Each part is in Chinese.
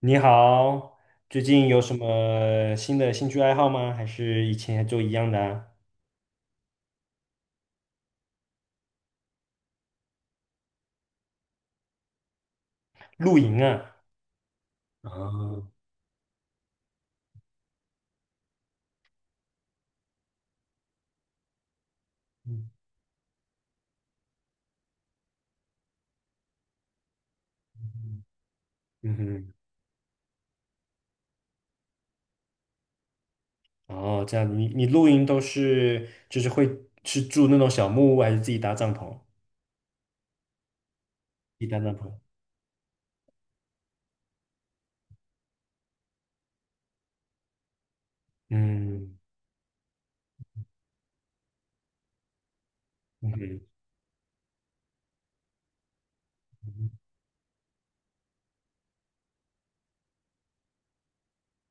你好，最近有什么新的兴趣爱好吗？还是以前就一样的啊？露营啊，啊，嗯嗯哼，哦，这样，你露营都是就是会是住那种小木屋，还是自己搭帐篷？自己搭帐篷，嗯嗯哼，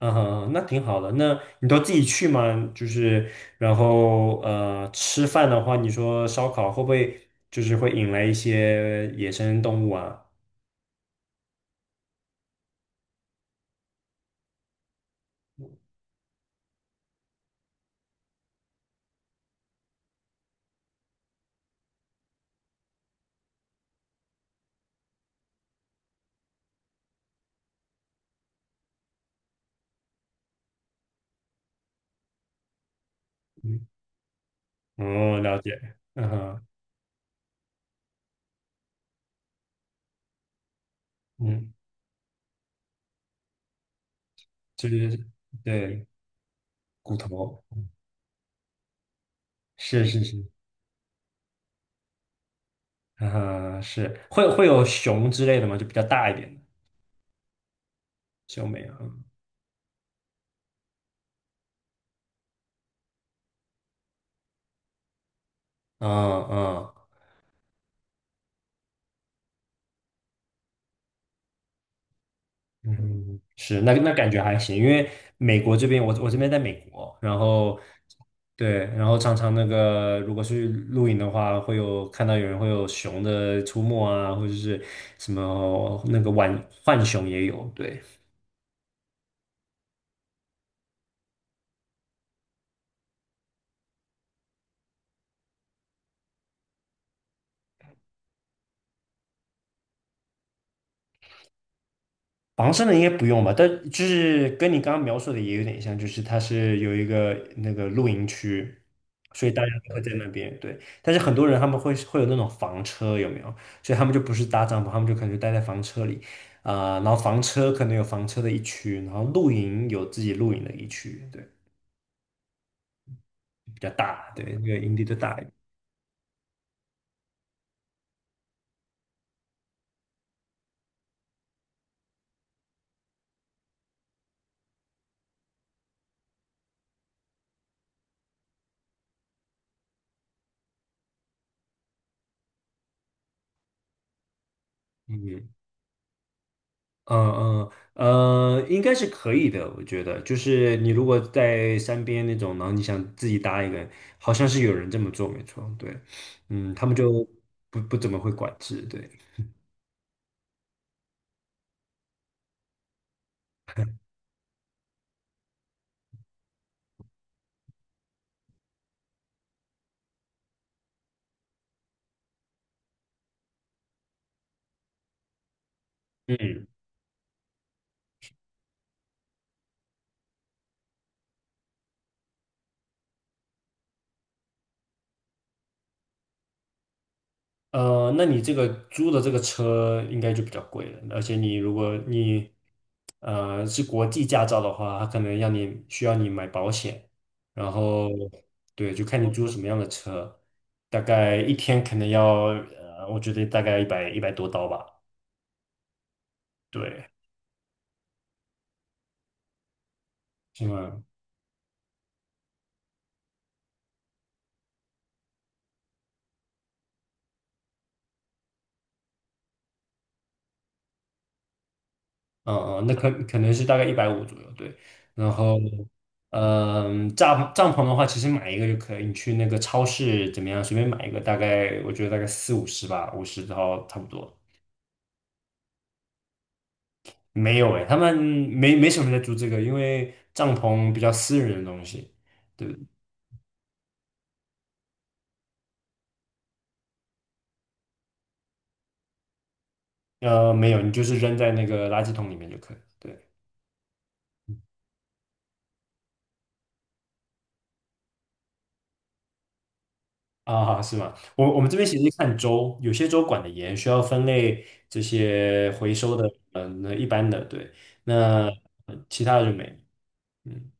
嗯哈，那挺好的。那你都自己去吗？就是然后吃饭的话，你说烧烤会不会就是会引来一些野生动物啊？哦，了解，嗯哼，嗯，就是对，骨头。是是是，嗯哼，是会有熊之类的吗？就比较大一点的熊没有，嗯嗯嗯，嗯，是。那感觉还行，因为美国这边，我这边在美国，然后对，然后常常那个如果去露营的话，会有看到有人会有熊的出没啊，或者是什么那个浣熊也有，对。房身的应该不用吧？但就是跟你刚刚描述的也有点像，就是它是有一个那个露营区，所以大家都会在那边。对，但是很多人他们会有那种房车，有没有？所以他们就不是搭帐篷，他们就可能就待在房车里，啊、然后房车可能有房车的一区，然后露营有自己露营的一区，对，比较大，对，那个营地就大一点。嗯嗯嗯，应该是可以的，我觉得。就是你如果在山边那种，然后你想自己搭一个，好像是有人这么做，没错。对，嗯，他们就不怎么会管制，对，嗯。那你这个租的这个车应该就比较贵了，而且你如果是国际驾照的话，它可能要你需要你买保险，然后对，就看你租什么样的车，大概一天可能要我觉得大概一百多刀吧，对，是吗，嗯嗯，那可能是大概150左右，对。然后，帐篷的话，其实买一个就可以，你去那个超市怎么样，随便买一个，大概我觉得大概四五十吧，五十到差不多。没有诶，他们没什么人在租这个，因为帐篷比较私人的东西，对不对？没有，你就是扔在那个垃圾桶里面就可以了，对。啊，是吗？我们这边其实看州，有些州管得严，需要分类这些回收的，嗯，那一般的，对，那其他的就没了。嗯，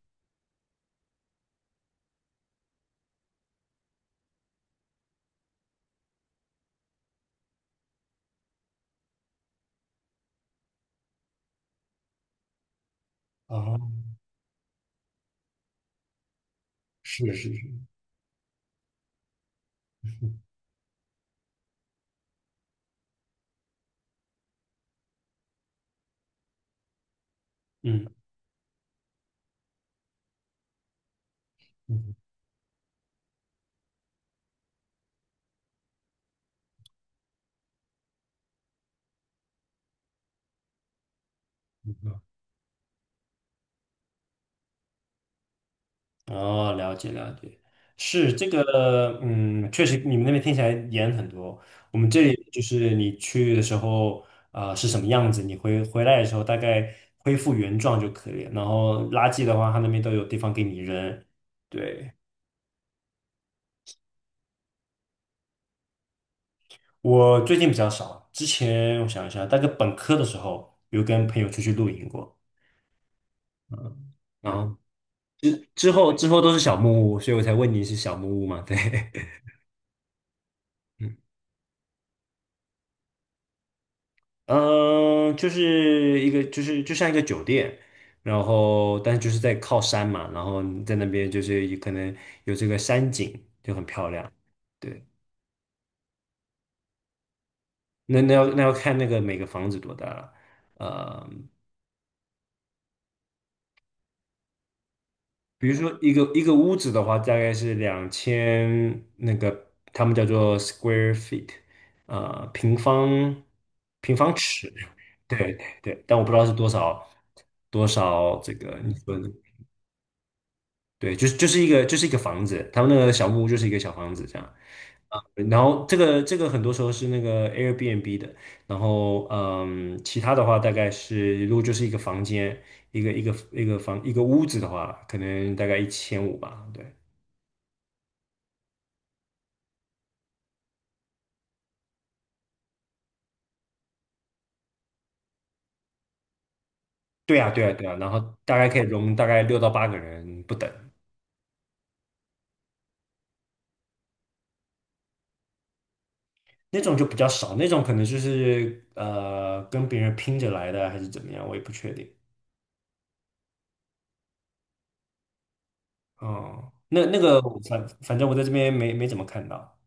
哦，是是是，嗯，嗯，哦，了解了解，是这个，嗯，确实你们那边听起来严很多。我们这里就是你去的时候，啊，是什么样子，你回来的时候大概恢复原状就可以了。然后垃圾的话，他那边都有地方给你扔。对，我最近比较少，之前我想一下，大概本科的时候有跟朋友出去露营过，然后之后都是小木屋，所以我才问你是小木屋嘛？对。嗯，呃就是一个就是就像一个酒店，然后但是就是在靠山嘛，然后你在那边就是也可能有这个山景，就很漂亮，对，那要看那个每个房子多大了。呃比如说一个屋子的话，大概是2000，他们叫做 square feet,呃，平方平方尺，对对对，但我不知道是多少这个你说的，对，就是就是一个就是一个房子，他们那个小木屋就是一个小房子这样，啊、然后这个很多时候是那个 Airbnb 的，然后其他的话大概是如果就是一个房间，一个屋子的话，可能大概1500吧，对。对呀，对呀，对呀，然后大概可以容大概六到八个人不等，那种就比较少，那种可能就是跟别人拼着来的啊还是怎么样，我也不确定。哦，那个我反正我在这边没怎么看到。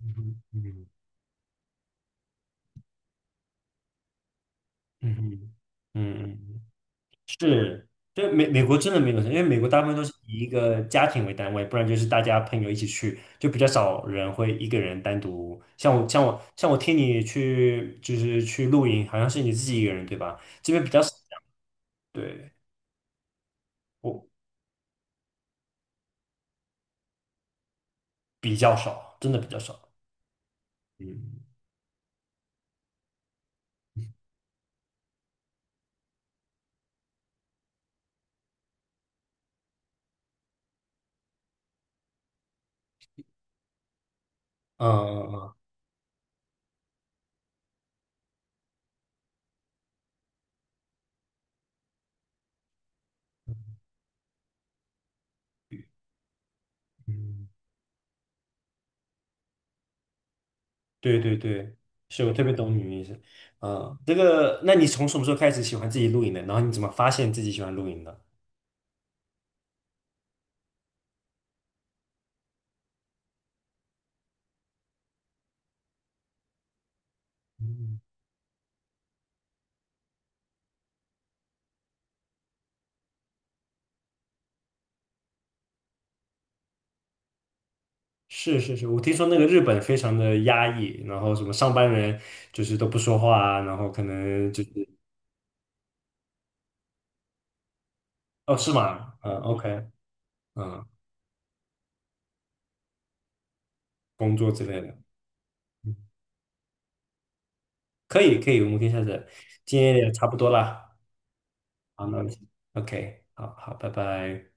嗯哼，嗯嗯嗯嗯嗯。是，对，美国真的没有，因为美国大部分都是以一个家庭为单位，不然就是大家朋友一起去，就比较少人会一个人单独。像我听你去就是去露营，好像是你自己一个人对吧？这边比较少，对，我比较少，真的比较少。嗯嗯嗯嗯，嗯，对对对，是我特别懂你的意思。嗯，这个，那你从什么时候开始喜欢自己露营的？然后你怎么发现自己喜欢露营的？是是是，我听说那个日本非常的压抑，然后什么上班人就是都不说话啊，然后可能就是，哦，是吗？嗯，OK,嗯，工作之类的，嗯，可以可以，我们可以下次，今天也差不多啦，好，那我们 OK,好好，拜拜。